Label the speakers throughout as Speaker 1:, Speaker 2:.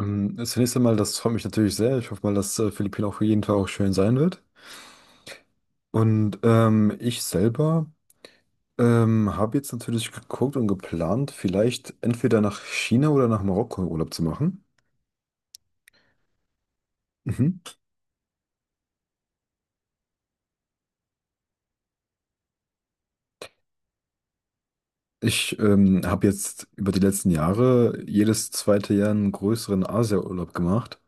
Speaker 1: Zunächst einmal, das freut mich natürlich sehr. Ich hoffe mal, dass Philippinen auch für jeden Tag auch schön sein wird. Und ich selber habe jetzt natürlich geguckt und geplant, vielleicht entweder nach China oder nach Marokko Urlaub zu machen. Mhm. Ich habe jetzt über die letzten Jahre jedes zweite Jahr einen größeren Asia-Urlaub gemacht.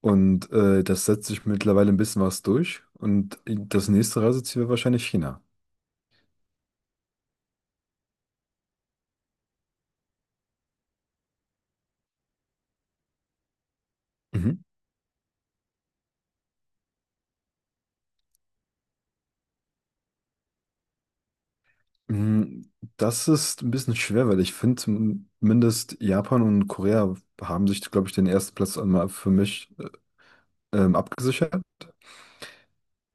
Speaker 1: Und das setzt sich mittlerweile ein bisschen was durch. Und das nächste Reiseziel wäre wahrscheinlich China. Mhm. Mm, Das ist ein bisschen schwer, weil ich finde, zumindest Japan und Korea haben sich, glaube ich, den ersten Platz einmal für mich abgesichert.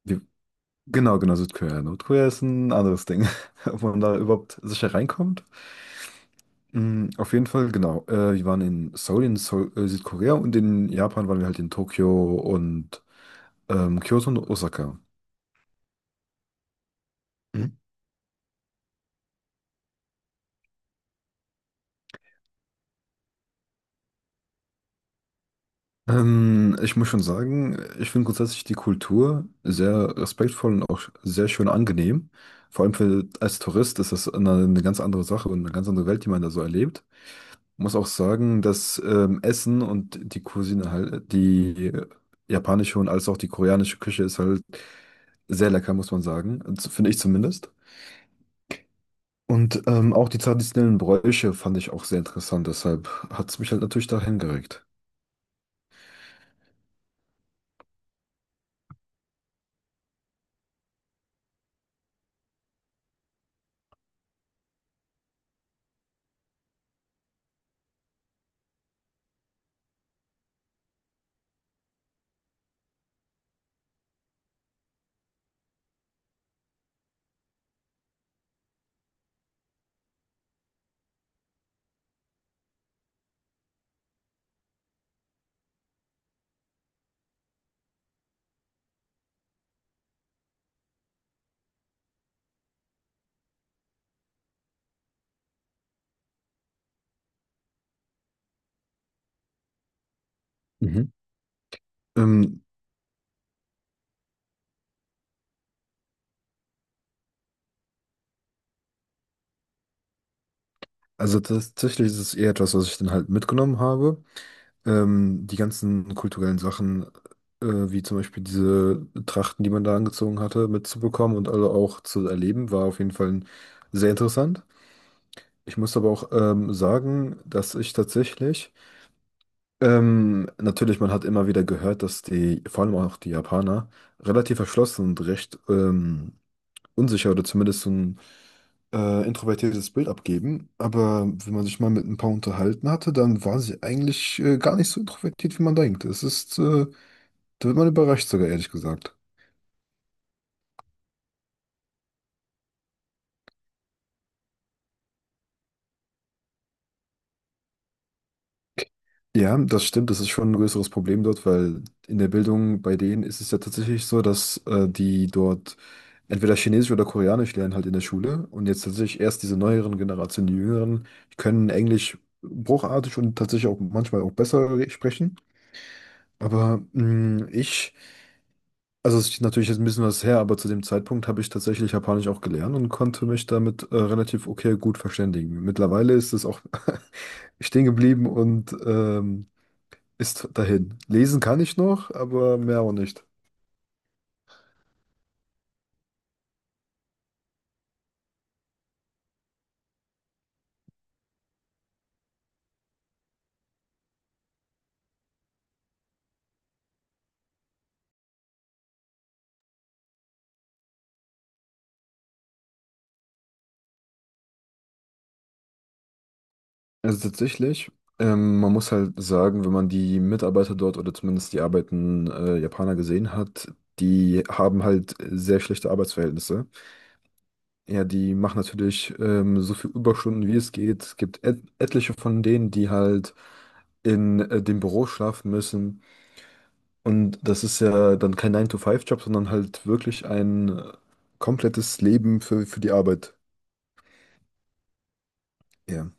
Speaker 1: Wie, genau, genau, Südkorea. Nordkorea ist ein anderes Ding, ob man da überhaupt sicher reinkommt. Auf jeden Fall, genau. Wir waren in Seoul, Südkorea, und in Japan waren wir halt in Tokio und Kyoto und Osaka. Ich muss schon sagen, ich finde grundsätzlich die Kultur sehr respektvoll und auch sehr schön angenehm. Vor allem für, als Tourist ist das eine ganz andere Sache und eine ganz andere Welt, die man da so erlebt. Muss auch sagen, dass Essen und die Cuisine halt, die japanische und als auch die koreanische Küche ist halt sehr lecker, muss man sagen. Also finde ich zumindest. Und auch die traditionellen Bräuche fand ich auch sehr interessant. Deshalb hat es mich halt natürlich dahin geregt. Mhm. Ähm, Also tatsächlich ist es eher etwas, was ich dann halt mitgenommen habe. Die ganzen kulturellen Sachen, äh, wie zum Beispiel diese Trachten, die man da angezogen hatte, mitzubekommen und alle auch zu erleben, war auf jeden Fall sehr interessant. Ich muss aber auch sagen, dass ich tatsächlich, natürlich, man hat immer wieder gehört, dass die, vor allem auch die Japaner, relativ verschlossen und recht unsicher oder zumindest so ein introvertiertes Bild abgeben, aber wenn man sich mal mit ein paar unterhalten hatte, dann war sie eigentlich gar nicht so introvertiert, wie man denkt. Da wird man überrascht sogar, ehrlich gesagt. Ja, das stimmt, das ist schon ein größeres Problem dort, weil in der Bildung bei denen ist es ja tatsächlich so, dass die dort entweder Chinesisch oder Koreanisch lernen halt in der Schule, und jetzt tatsächlich erst diese neueren Generationen, die Jüngeren, können Englisch bruchartig und tatsächlich auch manchmal auch besser sprechen. Aber mh, ich Also es ist natürlich jetzt ein bisschen was her, aber zu dem Zeitpunkt habe ich tatsächlich Japanisch auch gelernt und konnte mich damit relativ okay gut verständigen. Mittlerweile ist es auch stehen geblieben und ist dahin. Lesen kann ich noch, aber mehr auch nicht. Also tatsächlich, man muss halt sagen, wenn man die Mitarbeiter dort oder zumindest die arbeitenden Japaner gesehen hat, die haben halt sehr schlechte Arbeitsverhältnisse. Ja, die machen natürlich so viel Überstunden, wie es geht. Es gibt et etliche von denen, die halt in dem Büro schlafen müssen. Und das ist ja dann kein nine to five job, sondern halt wirklich ein komplettes Leben für die Arbeit. Ja,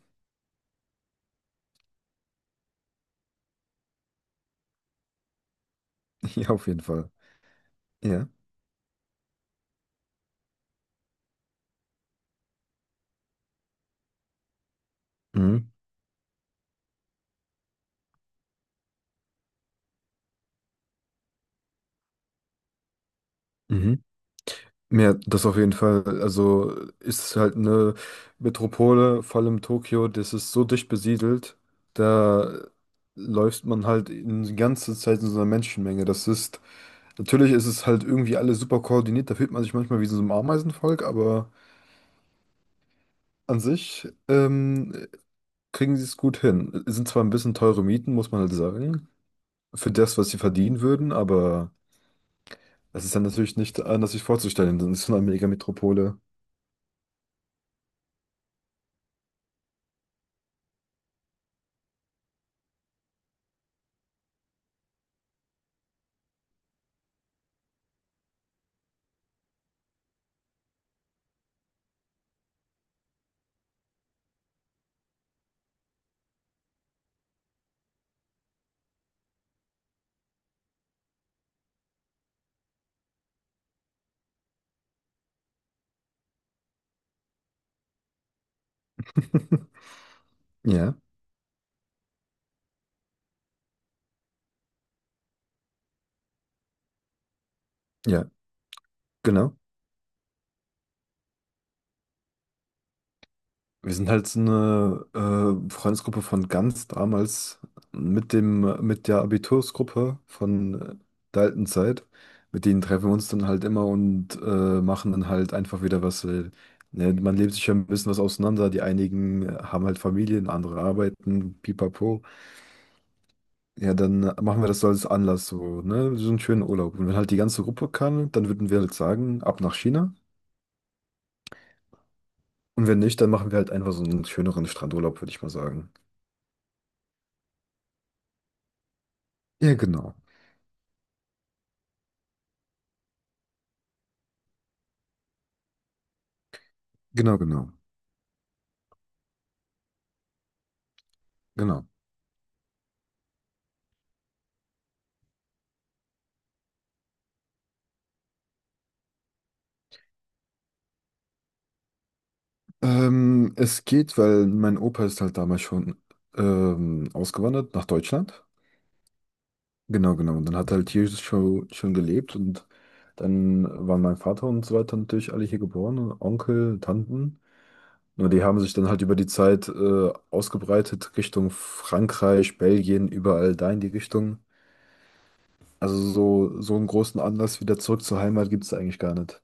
Speaker 1: ja, auf jeden Fall. Ja. Mhm. Mhm. Ja, das auf jeden Fall. Also ist es halt eine Metropole, vor allem Tokio, das ist so dicht besiedelt, da läuft man halt die ganze Zeit in so einer Menschenmenge. Das ist, natürlich ist es halt irgendwie alles super koordiniert, da fühlt man sich manchmal wie in so einem Ameisenvolk, aber an sich kriegen sie es gut hin. Es sind zwar ein bisschen teure Mieten, muss man halt sagen, für das, was sie verdienen würden, aber es ist dann natürlich nicht anders sich vorzustellen, denn es ist so eine Megametropole. Ja, ja, genau. Wir sind halt so eine Freundesgruppe von ganz damals mit dem, mit der Abitursgruppe von der alten Zeit. Mit denen treffen wir uns dann halt immer und machen dann halt einfach wieder was. Ne, man lebt sich ja ein bisschen was auseinander. Die einigen haben halt Familien, andere arbeiten, pipapo. Ja, dann machen wir das so als Anlass, so, ne? So einen schönen Urlaub. Und wenn halt die ganze Gruppe kann, dann würden wir halt sagen, ab nach China. Und wenn nicht, dann machen wir halt einfach so einen schöneren Strandurlaub, würde ich mal sagen. Ja, genau. Genau, genau, genau. Es geht, weil mein Opa ist halt damals schon ausgewandert nach Deutschland. Genau, genau. Und dann hat er halt hier schon gelebt und dann waren mein Vater und so weiter natürlich alle hier geboren, und Onkel, Tanten. Nur die haben sich dann halt über die Zeit ausgebreitet Richtung Frankreich, Belgien, überall da in die Richtung. Also so, so einen großen Anlass wieder zurück zur Heimat gibt es eigentlich gar nicht.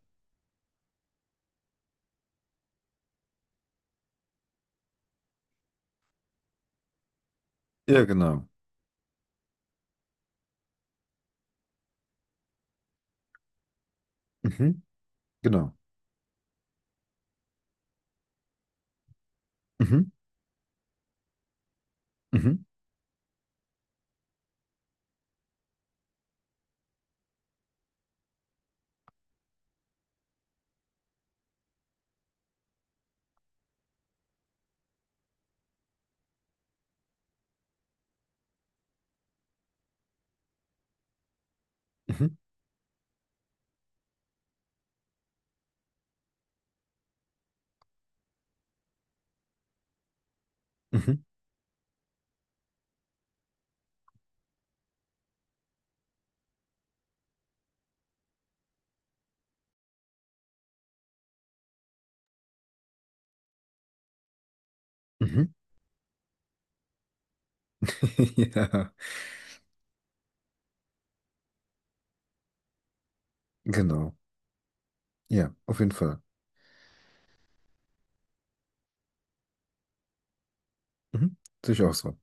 Speaker 1: Ja, genau. Mhm, genau. Mhm, mhm, mhm, mhm, mhm. Ja, genau. Ja, auf jeden Fall. Mhm. Sehe ich auch so.